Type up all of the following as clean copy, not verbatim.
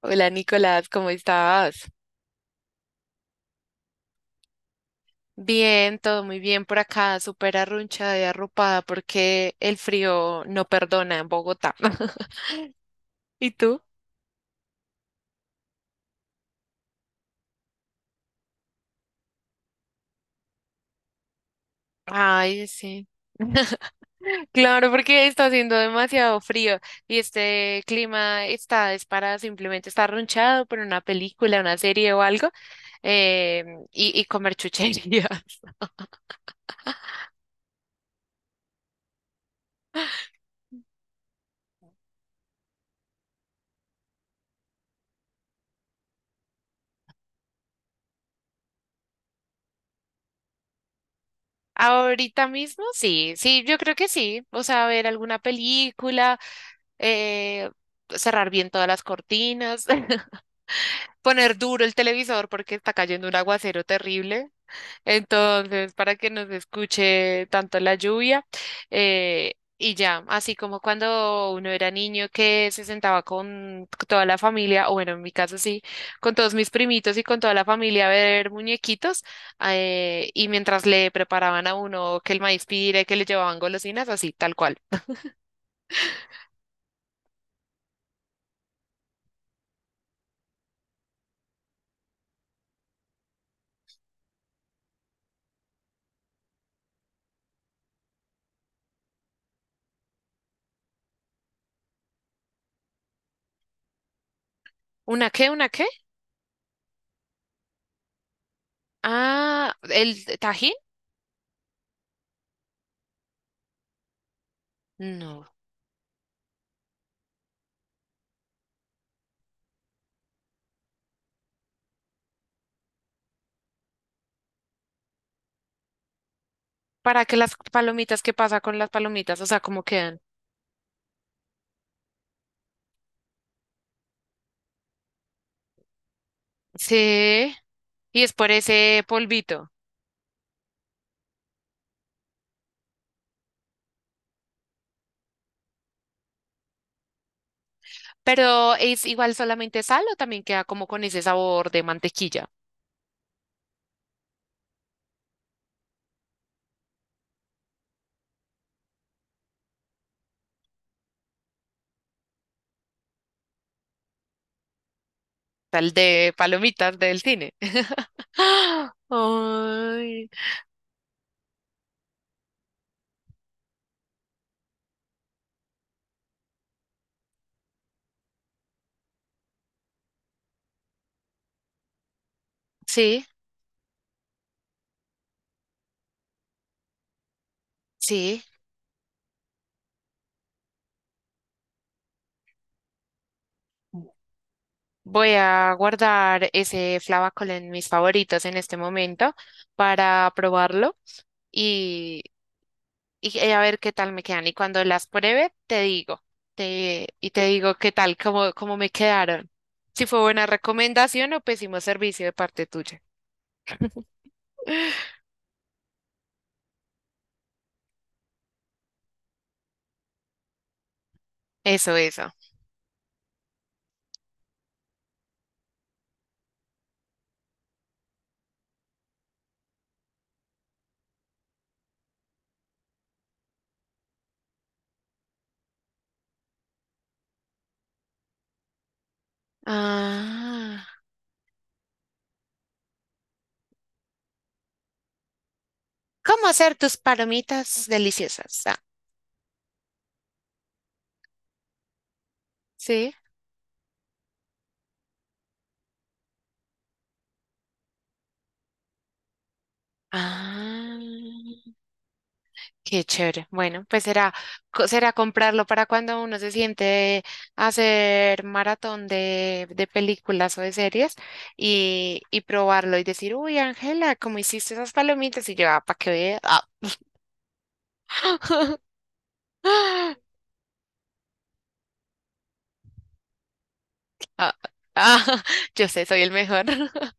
Hola Nicolás, ¿cómo estás? Bien, todo muy bien por acá, súper arrunchada y arropada porque el frío no perdona en Bogotá. ¿Y tú? Ay, sí. Claro, porque está haciendo demasiado frío y este clima es para simplemente estar arrunchado por una película, una serie o algo eh, y comer chucherías. Ahorita mismo sí, sí, yo creo que sí. O sea, ver alguna película eh, cerrar bien todas las cortinas, poner duro el televisor porque está cayendo un aguacero terrible. Entonces, para que no se escuche tanto la lluvia. eh, y ya, así como cuando uno era niño que se sentaba con toda la familia, o bueno, en mi caso sí, con todos mis primitos y con toda la familia a ver muñequitos, y mientras le preparaban a uno que el maíz pire, que le llevaban golosinas, así, tal cual. ¿Una qué? ¿Una qué? Ah, el tajín. No. ¿Para que las palomitas? ¿Qué pasa con las palomitas? O sea, ¿cómo quedan? Sí. Y es por ese polvito. Pero es igual solamente sal o también queda como con ese sabor de mantequilla, tal de palomitas del cine. ¡Ah! Ay. Sí, sí. Voy a guardar ese flavacol en mis favoritos en este momento para probarlo y. y a ver qué tal me quedan. Y cuando las pruebe, te digo, y te digo qué tal, cómo me quedaron. Si fue buena recomendación o pésimo servicio de parte tuya. Eso, eso. Ah, ¿cómo hacer tus palomitas deliciosas? Ah, sí. Ah. Qué chévere. Bueno, pues será, será comprarlo para cuando uno se siente a hacer maratón de películas o de series y probarlo y decir, uy, Ángela, ¿cómo hiciste esas palomitas? Y yo, ah, para que vea. Ah. Ah, ah, yo sé, soy el mejor.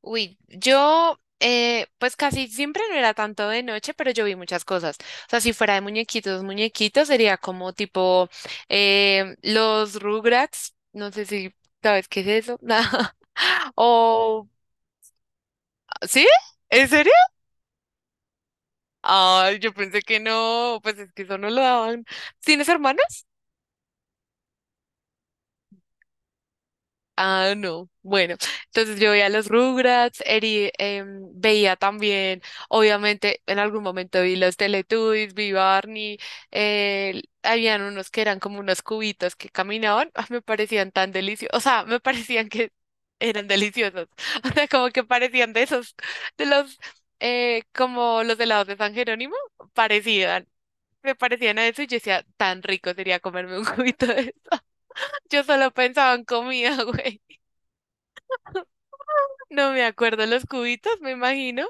Uy, yo pues casi siempre no era tanto de noche, pero yo vi muchas cosas. O sea, si fuera de muñequitos, muñequitos sería como tipo los Rugrats, no sé si sabes qué es eso. O, ¿sí? ¿En serio? Ay, yo pensé que no, pues es que eso no lo daban. ¿Tienes hermanos? Ah, no. Bueno, entonces yo veía los Rugrats, veía también, obviamente, en algún momento vi los Teletubbies, vi Barney, habían unos que eran como unos cubitos que caminaban, ah, me parecían tan deliciosos, o sea, me parecían que eran deliciosos, o sea, como que parecían de esos, de los, como los helados de San Jerónimo, parecían, me parecían a eso y yo decía, tan rico sería comerme un cubito de eso. Yo solo pensaba en comida, güey. No me acuerdo, los cubitos, me imagino.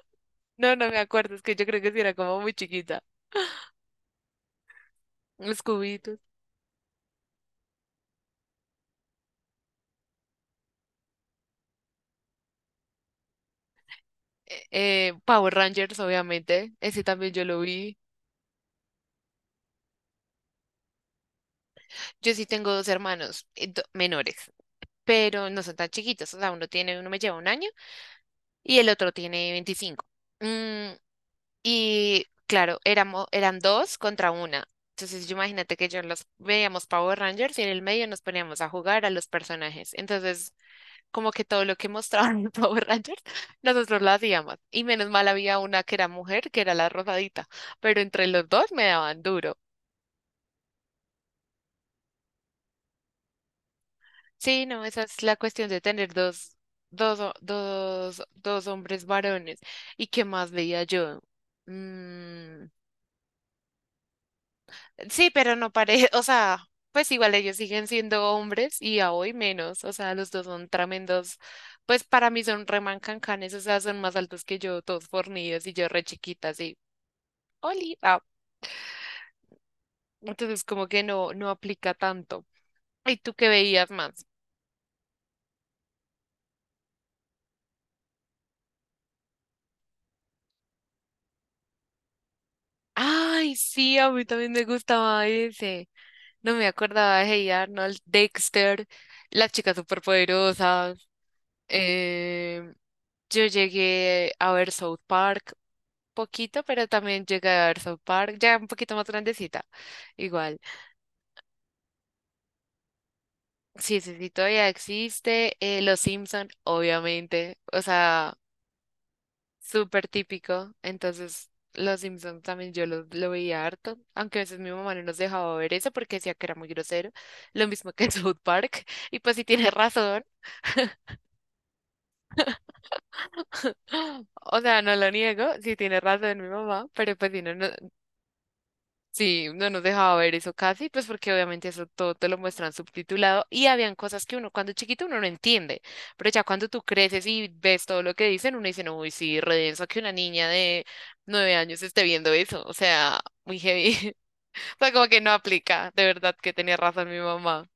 No, no me acuerdo, es que yo creo que sí era como muy chiquita. Los cubitos. Power Rangers, obviamente, ese también yo lo vi. Yo sí tengo dos hermanos menores, pero no son tan chiquitos, o sea, uno me lleva un año y el otro tiene 25. Mm, y claro, eran dos contra una. Entonces, yo imagínate que yo los veíamos Power Rangers y en el medio nos poníamos a jugar a los personajes. Entonces, como que todo lo que mostraban en Power Rangers, nosotros lo hacíamos. Y menos mal había una que era mujer, que era la rosadita, pero entre los dos me daban duro. Sí, no, esa es la cuestión de tener dos hombres varones. ¿Y qué más veía yo? Mm, sí, pero no parece, o sea, pues igual ellos siguen siendo hombres y a hoy menos, o sea, los dos son tremendos. Pues para mí son remancancanes, o sea, son más altos que yo, todos fornidos y yo re chiquita, así. Oli, entonces, como que no aplica tanto. ¿Y tú qué veías más? Ay, sí, a mí también me gustaba ese. No me acordaba de Hey Arnold, Dexter, Las chicas superpoderosas. Eh, yo llegué a ver South Park poquito, pero también llegué a ver South Park, ya un poquito más grandecita. Igual. Sí, sí, sí, todavía existe. Los Simpson, obviamente. O sea, súper típico. Entonces, Los Simpsons también yo lo veía harto, aunque a veces mi mamá no nos dejaba ver eso porque decía que era muy grosero, lo mismo que en South Park. Y pues si tiene razón, o sea, no lo niego, si tiene razón mi mamá, pero pues si no, no, sí, no nos dejaba ver eso casi, pues porque obviamente eso todo te lo muestran subtitulado y habían cosas que uno cuando chiquito uno no entiende, pero ya cuando tú creces y ves todo lo que dicen, uno dice, no, uy, sí, redenso que una niña de 9 años esté viendo eso, o sea, muy heavy. O sea, como que no aplica, de verdad que tenía razón mi mamá,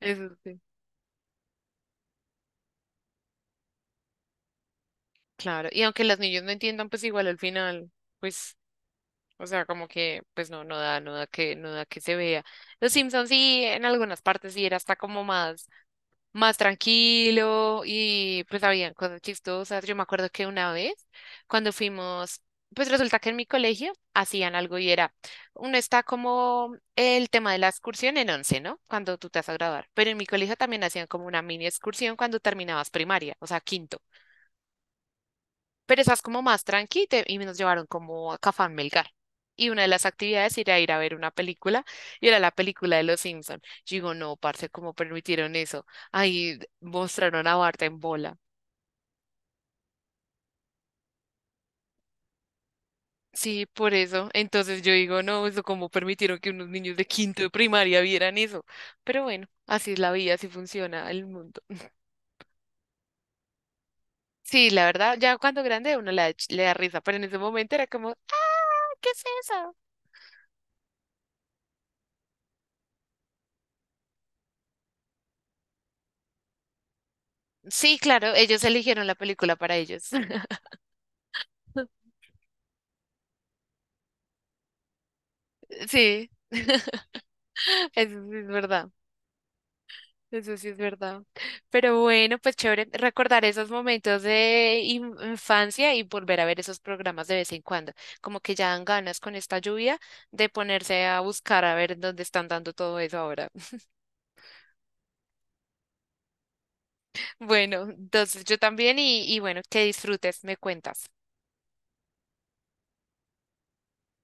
eso sí, claro, y aunque los niños no entiendan, pues igual al final, pues, o sea, como que, pues no da, no da que se vea. Los Simpsons sí, en algunas partes sí era hasta como más tranquilo y pues habían cosas chistosas. Yo me acuerdo que una vez cuando fuimos, pues resulta que en mi colegio hacían algo y era, uno está como el tema de la excursión en 11, ¿no? Cuando tú te vas a graduar, pero en mi colegio también hacían como una mini excursión cuando terminabas primaria, o sea, quinto, pero esas como más tranqui, y nos llevaron como a Cafán Melgar. Y una de las actividades era ir a ver una película y era la película de Los Simpson. Yo digo, no, parce, ¿cómo permitieron eso? Ahí mostraron a Bart en bola. Sí, por eso. Entonces yo digo, no, eso cómo permitieron que unos niños de quinto de primaria vieran eso. Pero bueno, así es la vida, así funciona el mundo. Sí, la verdad, ya cuando grande uno le da risa, pero en ese momento era como, ah, ¿qué es eso? Sí, claro, ellos eligieron la película para ellos. Sí, eso sí es verdad, eso sí es verdad. Pero bueno, pues chévere recordar esos momentos de infancia y volver a ver esos programas de vez en cuando. Como que ya dan ganas con esta lluvia de ponerse a buscar a ver dónde están dando todo eso ahora. Bueno, entonces yo también y bueno, que disfrutes, me cuentas.